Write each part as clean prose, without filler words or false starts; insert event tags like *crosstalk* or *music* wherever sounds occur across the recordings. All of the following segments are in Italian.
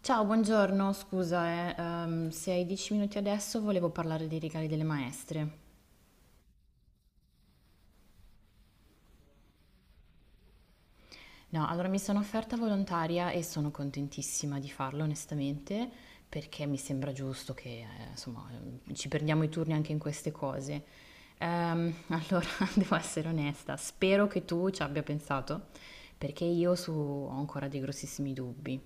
Ciao, buongiorno, scusa, se hai 10 minuti adesso volevo parlare dei regali delle maestre. No, allora mi sono offerta volontaria e sono contentissima di farlo, onestamente, perché mi sembra giusto che, insomma, ci perdiamo i turni anche in queste cose. Allora, *laughs* devo essere onesta, spero che tu ci abbia pensato, perché io ho ancora dei grossissimi dubbi.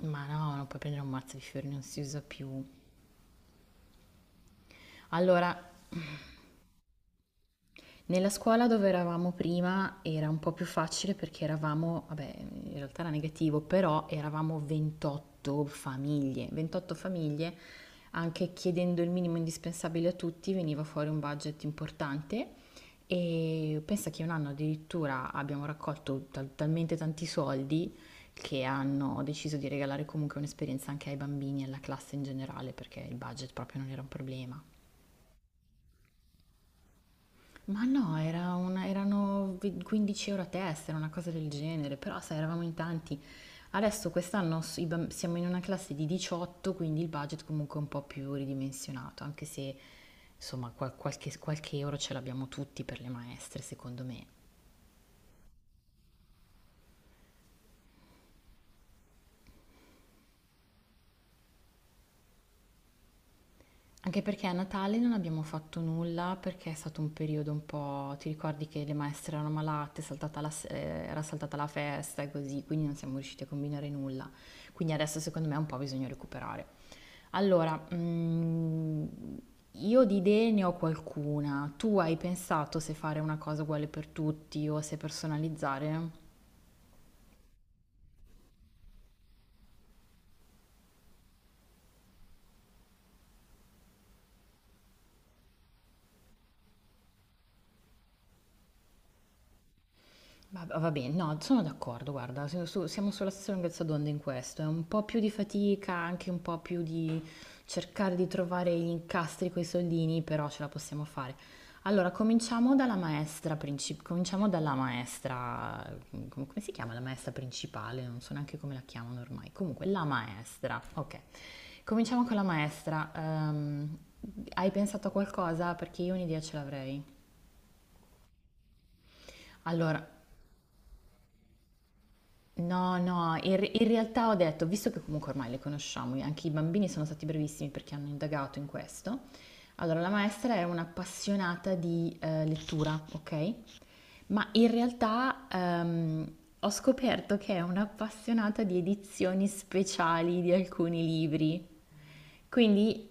Ma no, non puoi prendere un mazzo di fiori, non si usa più. Allora, nella scuola dove eravamo prima era un po' più facile perché eravamo, vabbè, in realtà era negativo, però eravamo 28 famiglie, 28 famiglie, anche chiedendo il minimo indispensabile a tutti veniva fuori un budget importante e pensa che un anno addirittura abbiamo raccolto talmente tanti soldi che hanno deciso di regalare comunque un'esperienza anche ai bambini e alla classe in generale perché il budget proprio non era un problema. Ma no, era 15 € a testa, era una cosa del genere, però sai, eravamo in tanti. Adesso quest'anno siamo in una classe di 18, quindi il budget comunque è un po' più ridimensionato, anche se insomma qualche euro ce l'abbiamo tutti per le maestre, secondo me. Anche perché a Natale non abbiamo fatto nulla perché è stato un periodo un po'. Ti ricordi che le maestre erano malate, è saltata la se- era saltata la festa e così, quindi non siamo riusciti a combinare nulla. Quindi adesso secondo me un po' bisogna recuperare. Allora, io di idee ne ho qualcuna. Tu hai pensato se fare una cosa uguale per tutti o se personalizzare? Va bene, no, sono d'accordo, guarda, siamo sulla stessa lunghezza d'onda in questo, è un po' più di fatica, anche un po' più di cercare di trovare gli incastri coi soldini, però ce la possiamo fare. Allora, cominciamo dalla maestra principale, cominciamo dalla maestra, come si chiama la maestra principale? Non so neanche come la chiamano ormai. Comunque, la maestra, ok. Cominciamo con la maestra. Hai pensato a qualcosa? Perché io un'idea ce l'avrei. Allora, no, no, in realtà ho detto, visto che comunque ormai le conosciamo, anche i bambini sono stati bravissimi perché hanno indagato in questo. Allora, la maestra era un'appassionata di lettura, ok? Ma in realtà ho scoperto che è un'appassionata di edizioni speciali di alcuni libri. Quindi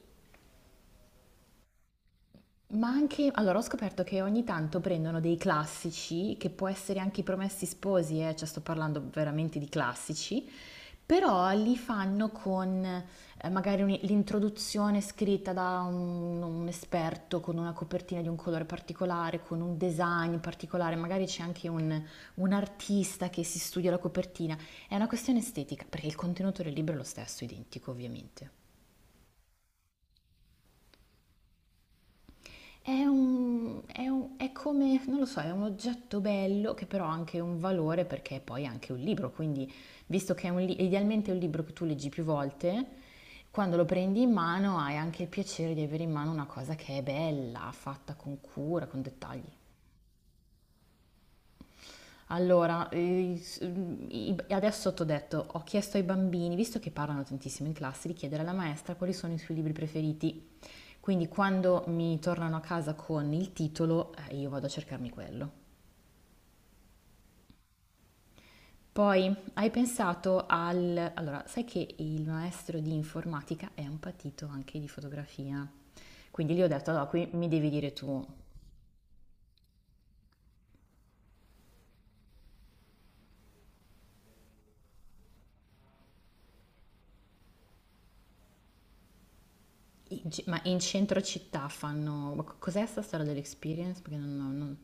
Ma anche, allora ho scoperto che ogni tanto prendono dei classici, che può essere anche i Promessi Sposi, cioè sto parlando veramente di classici, però li fanno con magari l'introduzione scritta da un esperto, con una copertina di un colore particolare, con un design particolare, magari c'è anche un artista che si studia la copertina. È una questione estetica, perché il contenuto del libro è lo stesso, identico ovviamente. È come, non lo so, è un oggetto bello che però ha anche un valore perché è poi anche un libro, quindi visto che idealmente è un libro che tu leggi più volte, quando lo prendi in mano hai anche il piacere di avere in mano una cosa che è bella, fatta con cura, con dettagli. Allora, adesso t'ho detto, ho chiesto ai bambini, visto che parlano tantissimo in classe, di chiedere alla maestra quali sono i suoi libri preferiti. Quindi quando mi tornano a casa con il titolo, io vado a cercarmi quello. Poi, hai pensato al. Allora, sai che il maestro di informatica è un patito anche di fotografia. Quindi gli ho detto, allora, qui mi devi dire tu, ma in centro città fanno. Cos'è sta storia dell'experience? Perché non.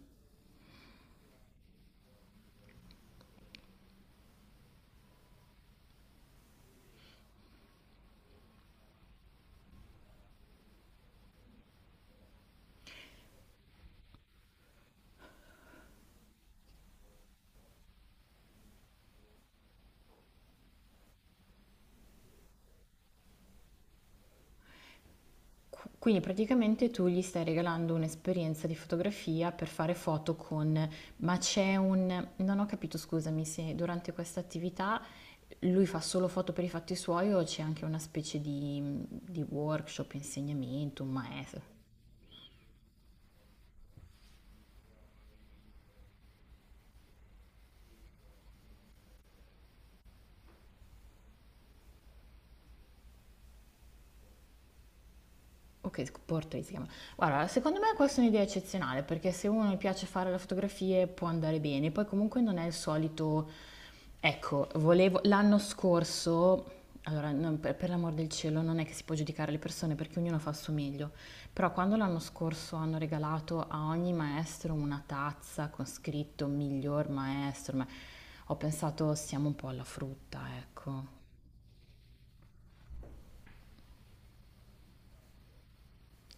Quindi praticamente tu gli stai regalando un'esperienza di fotografia per fare foto con, ma c'è un, non ho capito, scusami, se durante questa attività lui fa solo foto per i fatti suoi o c'è anche una specie di workshop, insegnamento, un maestro? Ok, portrait si chiama. Guarda, secondo me questa è un'idea eccezionale perché se uno gli piace fare le fotografie può andare bene, poi comunque non è il solito. Ecco, volevo. L'anno scorso, allora per l'amor del cielo non è che si può giudicare le persone perché ognuno fa il suo meglio, però quando l'anno scorso hanno regalato a ogni maestro una tazza con scritto miglior maestro, ma ho pensato siamo un po' alla frutta, ecco.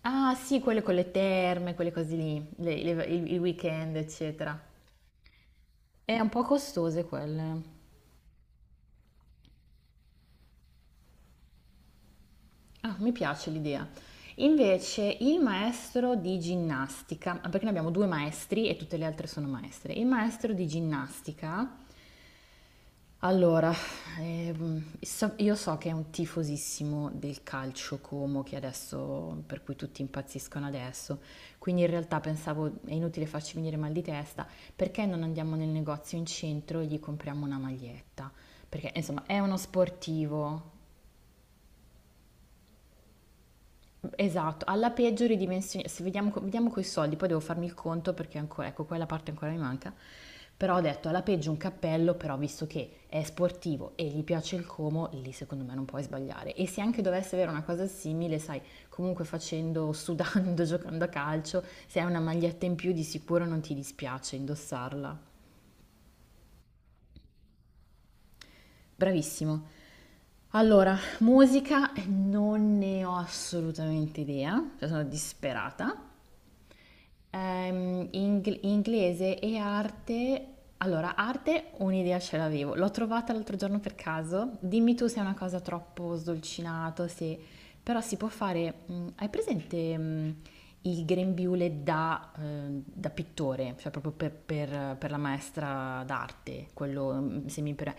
Ah, sì, quelle con le terme, quelle cose lì, i weekend, eccetera. È un po' costose quelle. Ah, mi piace l'idea. Invece, il maestro di ginnastica, ah, perché noi abbiamo due maestri e tutte le altre sono maestre. Il maestro di ginnastica. Allora, io so che è un tifosissimo del calcio Como, che adesso, per cui tutti impazziscono adesso, quindi in realtà pensavo è inutile farci venire mal di testa, perché non andiamo nel negozio in centro e gli compriamo una maglietta? Perché insomma è uno sportivo. Esatto, alla peggio ridimensioni se vediamo, vediamo coi soldi, poi devo farmi il conto perché ancora, ecco, quella parte ancora mi manca. Però ho detto, alla peggio un cappello, però visto che è sportivo e gli piace il Como, lì secondo me non puoi sbagliare. E se anche dovesse avere una cosa simile, sai, comunque facendo, *laughs* sudando, giocando a calcio, se hai una maglietta in più di sicuro non ti dispiace indossarla. Bravissimo. Allora, musica non ne ho assolutamente idea, cioè sono disperata. Inglese e arte. Allora, arte un'idea ce l'avevo. L'ho trovata l'altro giorno per caso. Dimmi tu se è una cosa troppo sdolcinato, se. Però si può fare. Hai presente il grembiule da pittore? Cioè proprio per la maestra d'arte, quello semi.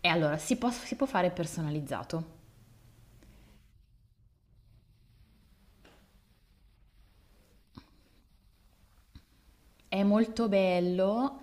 E allora, si può fare personalizzato. È molto bello.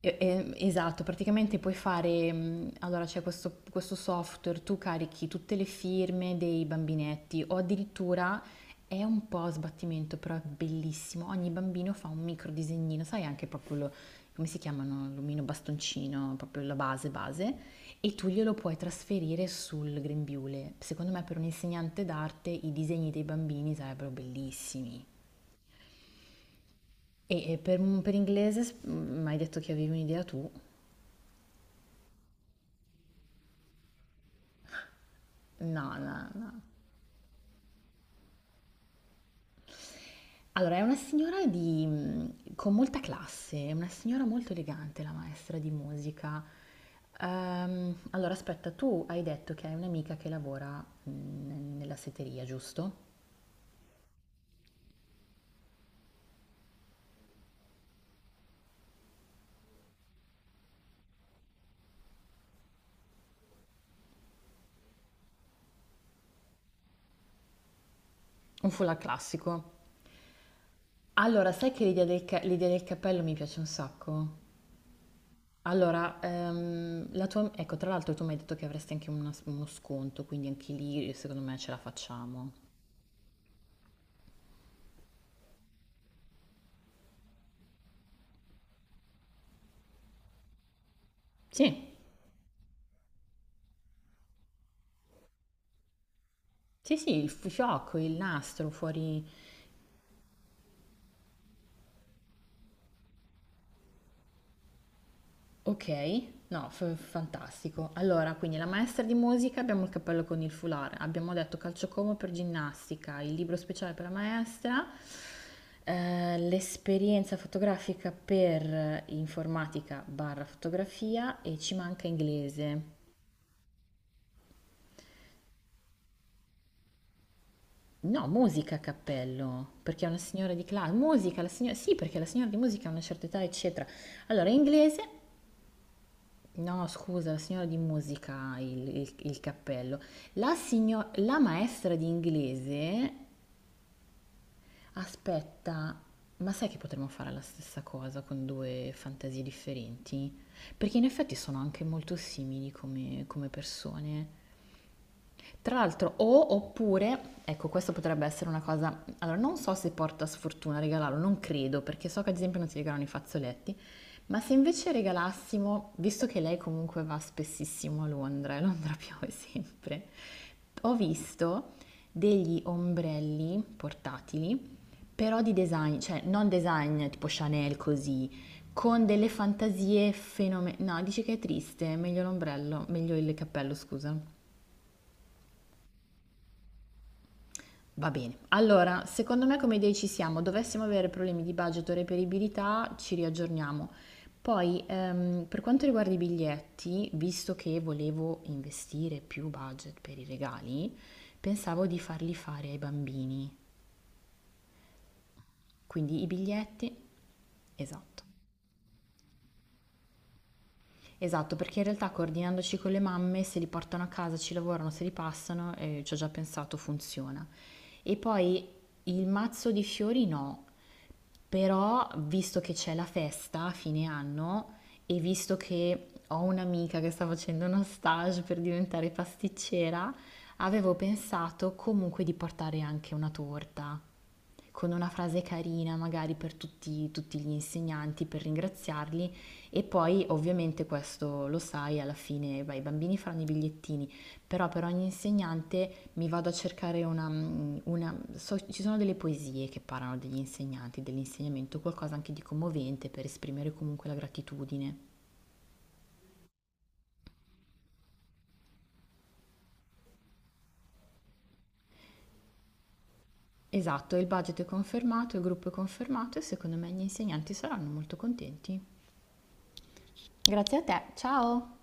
Esatto, praticamente puoi fare, allora c'è questo software, tu carichi tutte le firme dei bambinetti o addirittura è un po' a sbattimento, però è bellissimo, ogni bambino fa un micro disegnino, sai anche proprio, come si chiamano, l'omino bastoncino, proprio la base base, e tu glielo puoi trasferire sul grembiule. Secondo me per un insegnante d'arte i disegni dei bambini sarebbero bellissimi. E per inglese, mi hai detto che avevi un'idea tu? No, no, no. Allora, è una signora con molta classe, è una signora molto elegante, la maestra di musica. Allora, aspetta, tu hai detto che hai un'amica che lavora nella setteria, giusto? Un foulard classico. Allora, sai che l'idea del cappello mi piace un sacco? Allora, la tua, ecco, tra l'altro tu mi hai detto che avresti anche uno sconto, quindi anche lì secondo me ce la facciamo. Sì, sì, sì, il fiocco, il nastro fuori. Ok, no, fantastico. Allora, quindi la maestra di musica, abbiamo il cappello con il foulard, abbiamo detto calciocomo per ginnastica, il libro speciale per la maestra, l'esperienza fotografica per informatica barra fotografia e ci manca inglese. No, musica a cappello, perché è una signora di classe. Musica, la signora. Sì, perché la signora di musica ha una certa età, eccetera. Allora, inglese. No, scusa, la signora di musica, il cappello. La maestra di inglese, aspetta, ma sai che potremmo fare la stessa cosa con due fantasie differenti? Perché in effetti sono anche molto simili come persone. Tra l'altro, o oppure, ecco, questo potrebbe essere una cosa. Allora, non so se porta sfortuna regalarlo, non credo, perché so che ad esempio non si regalano i fazzoletti. Ma se invece regalassimo, visto che lei comunque va spessissimo a Londra e Londra *laughs* piove sempre, ho visto degli ombrelli portatili, però di design, cioè non design tipo Chanel così, con delle fantasie fenomenali. No, dici che è triste, meglio l'ombrello, meglio il cappello, scusa. Va bene, allora secondo me come idee ci siamo, dovessimo avere problemi di budget o reperibilità ci riaggiorniamo. Poi per quanto riguarda i biglietti, visto che volevo investire più budget per i regali, pensavo di farli fare ai bambini, quindi i biglietti, esatto. Esatto, perché in realtà coordinandoci con le mamme, se li portano a casa, ci lavorano, se li passano, ci ho già pensato, funziona. E poi il mazzo di fiori no. Però, visto che c'è la festa a fine anno e visto che ho un'amica che sta facendo uno stage per diventare pasticcera, avevo pensato comunque di portare anche una torta con una frase carina magari per tutti, tutti gli insegnanti, per ringraziarli e poi ovviamente questo lo sai, alla fine beh, i bambini faranno i bigliettini, però per ogni insegnante mi vado a cercare una. Ci sono delle poesie che parlano degli insegnanti, dell'insegnamento, qualcosa anche di commovente per esprimere comunque la gratitudine. Esatto, il budget è confermato, il gruppo è confermato e secondo me gli insegnanti saranno molto contenti. Grazie a te, ciao!